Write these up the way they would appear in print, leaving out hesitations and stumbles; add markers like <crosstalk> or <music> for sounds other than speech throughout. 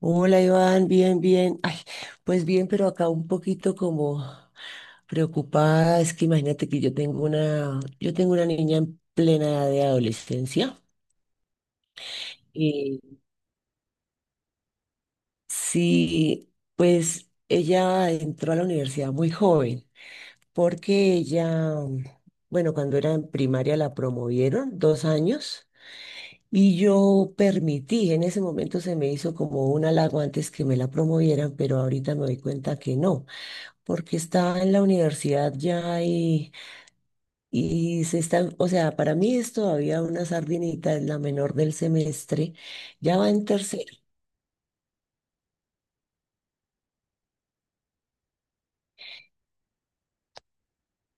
Hola Iván, bien, bien. Ay, pues bien, pero acá un poquito como preocupada. Es que imagínate que yo tengo una niña en plena edad de adolescencia. Y sí, pues ella entró a la universidad muy joven, porque ella, bueno, cuando era en primaria la promovieron 2 años y yo permití, en ese momento se me hizo como un halago antes que me la promovieran, pero ahorita me doy cuenta que no. Porque está en la universidad ya y se está, o sea, para mí es todavía una sardinita, es la menor del semestre, ya va en tercero.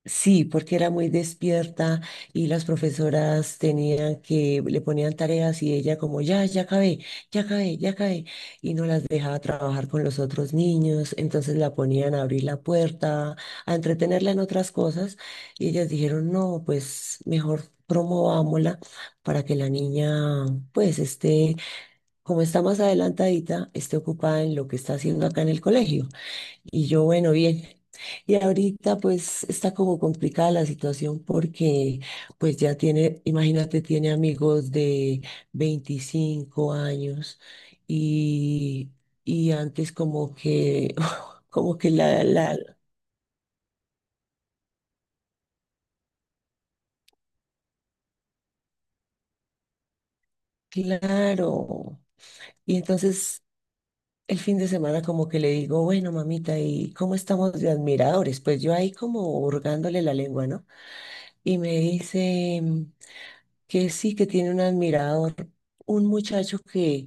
Sí, porque era muy despierta y las profesoras le ponían tareas y ella como, ya, ya acabé, ya acabé, ya acabé, y no las dejaba trabajar con los otros niños, entonces la ponían a abrir la puerta, a entretenerla en otras cosas, y ellas dijeron, no, pues mejor promovámosla para que la niña, pues esté, como está más adelantadita, esté ocupada en lo que está haciendo acá en el colegio. Y yo, bueno, bien. Y ahorita pues está como complicada la situación porque pues ya tiene, imagínate, tiene amigos de 25 años y, y antes como que, <laughs> como que claro. Y entonces el fin de semana como que le digo, bueno, mamita, ¿y cómo estamos de admiradores? Pues yo ahí como hurgándole la lengua, ¿no? Y me dice que sí, que tiene un admirador, un muchacho que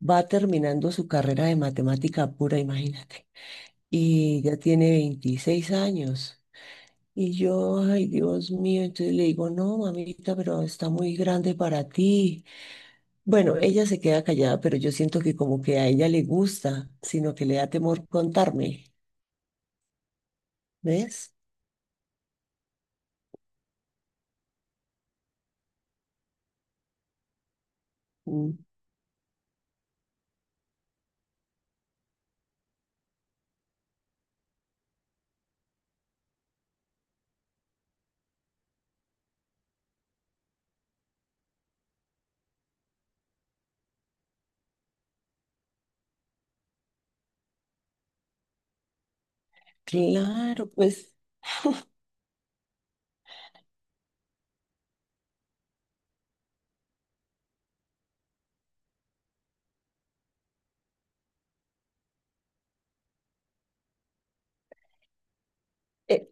va terminando su carrera de matemática pura, imagínate, y ya tiene 26 años. Y yo, ay, Dios mío. Entonces le digo, no, mamita, pero está muy grande para ti. Bueno, ella se queda callada, pero yo siento que como que a ella le gusta, sino que le da temor contarme, ¿ves? Mm. Claro, pues e-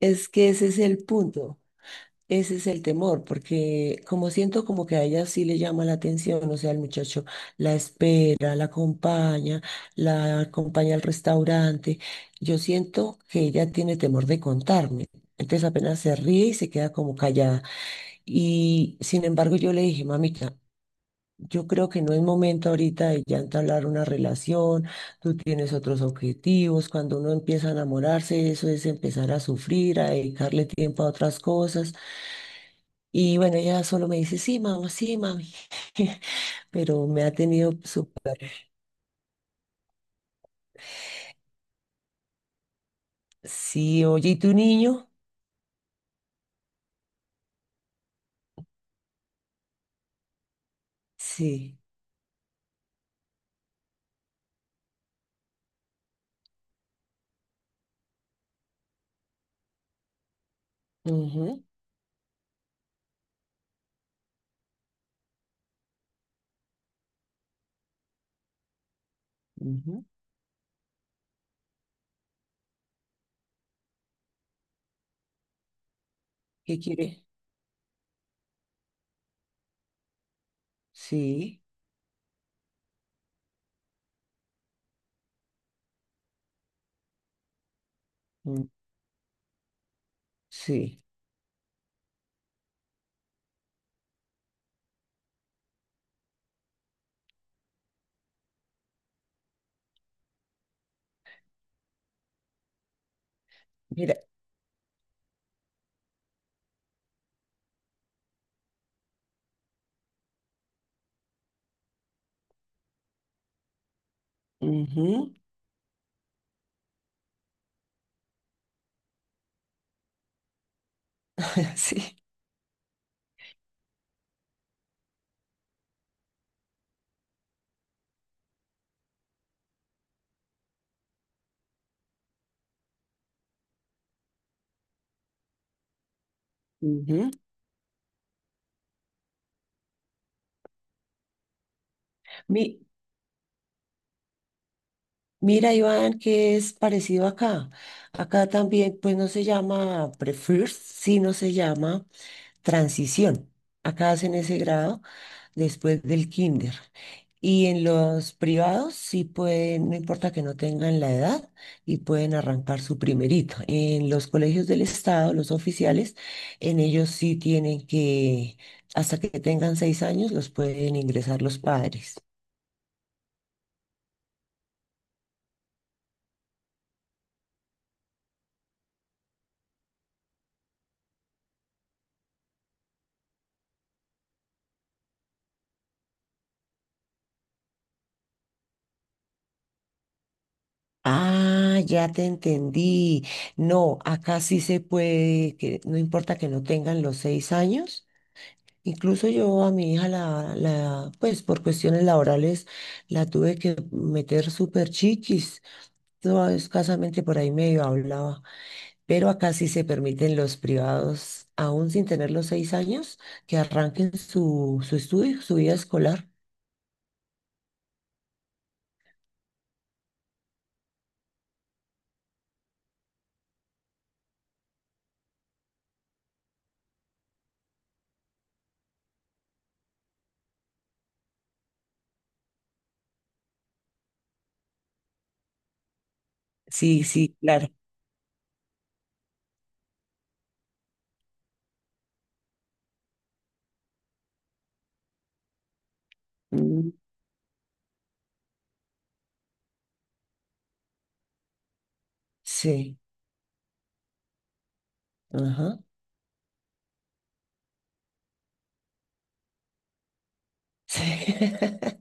es que ese es el punto. Ese es el temor, porque como siento como que a ella sí le llama la atención, o sea, el muchacho la espera, la acompaña al restaurante. Yo siento que ella tiene temor de contarme. Entonces apenas se ríe y se queda como callada. Y sin embargo yo le dije, mamita, yo creo que no es momento ahorita de ya entablar una relación, tú tienes otros objetivos, cuando uno empieza a enamorarse, eso es empezar a sufrir, a dedicarle tiempo a otras cosas. Y bueno, ella solo me dice, sí, mamá, sí, mami. <laughs> Pero me ha tenido súper. Sí, oye, ¿y tu niño? Sí. Ujú, ujú. ¿Qué quiere? Sí. Mm. Sí. Mira. Ujú. <laughs> Sí. Ujú. Mi- Mira, Iván, que es parecido acá. Acá también, pues no se llama Prefirst, sí, no se llama Transición. Acá hacen ese grado después del kinder. Y en los privados sí pueden, no importa que no tengan la edad, y pueden arrancar su primerito. En los colegios del estado, los oficiales, en ellos sí tienen que, hasta que tengan 6 años, los pueden ingresar los padres. Ah, ya te entendí. No, acá sí se puede, que no importa que no tengan los 6 años. Incluso yo a mi hija la, la, pues por cuestiones laborales la tuve que meter súper chiquis. Yo escasamente por ahí medio hablaba, pero acá sí se permiten los privados, aún sin tener los 6 años, que arranquen su estudio, su vida escolar. Sí, sí, claro. Mm. Sí, ajá. <laughs> Sí.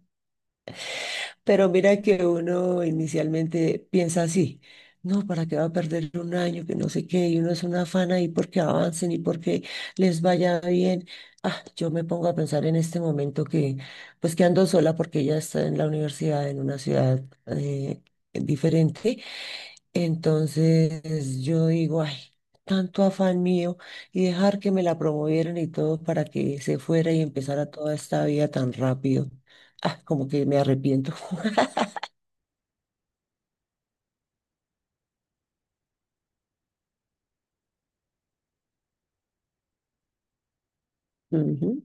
Pero mira que uno inicialmente piensa así, no, ¿para qué va a perder un año? Que no sé qué, y uno es una afán ahí porque avancen y porque les vaya bien. Ah, yo me pongo a pensar en este momento que, pues que ando sola porque ella está en la universidad, en una ciudad diferente. Entonces yo digo, ay, tanto afán mío y dejar que me la promovieran y todo para que se fuera y empezara toda esta vida tan rápido. Ah, como que me arrepiento. <laughs> Ujú.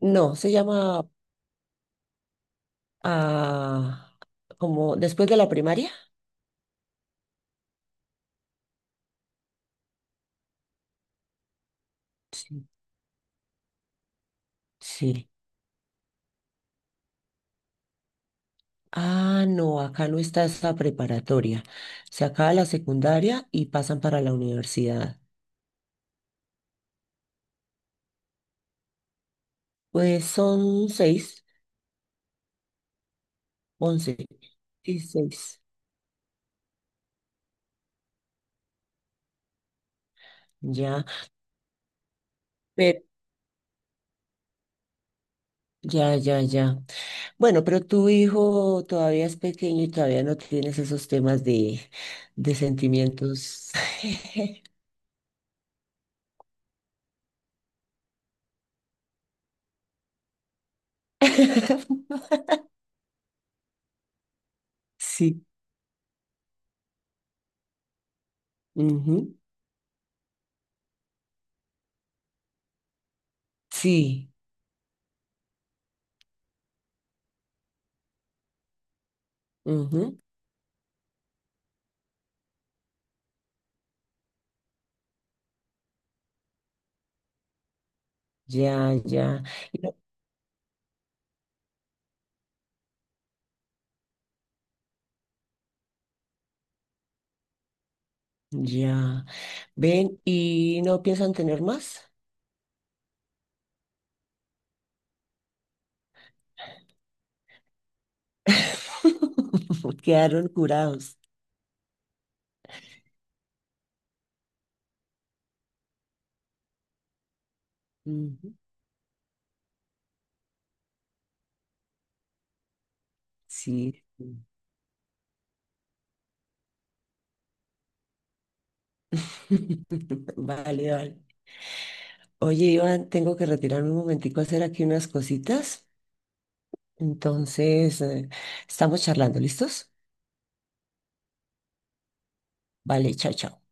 No, se llama ah, como después de la primaria. Sí. Sí. Ah, no, acá no está esa preparatoria. Se acaba la secundaria y pasan para la universidad. Pues son seis, 11 y seis. Ya, pero ya, ya, ya. Bueno, pero tu hijo todavía es pequeño y todavía no tienes esos temas de sentimientos. <laughs> Sí. Ujú. Sí. Ujú. Ya, ya. Y no- Ya. Ven, ¿y no piensan tener más? <laughs> Quedaron curados. Ujú. Sí. <laughs> Vale, vale. Oye, Iván, tengo que retirarme un momentico a hacer aquí unas cositas. Entonces, estamos charlando, ¿listos? Vale, chao, chao.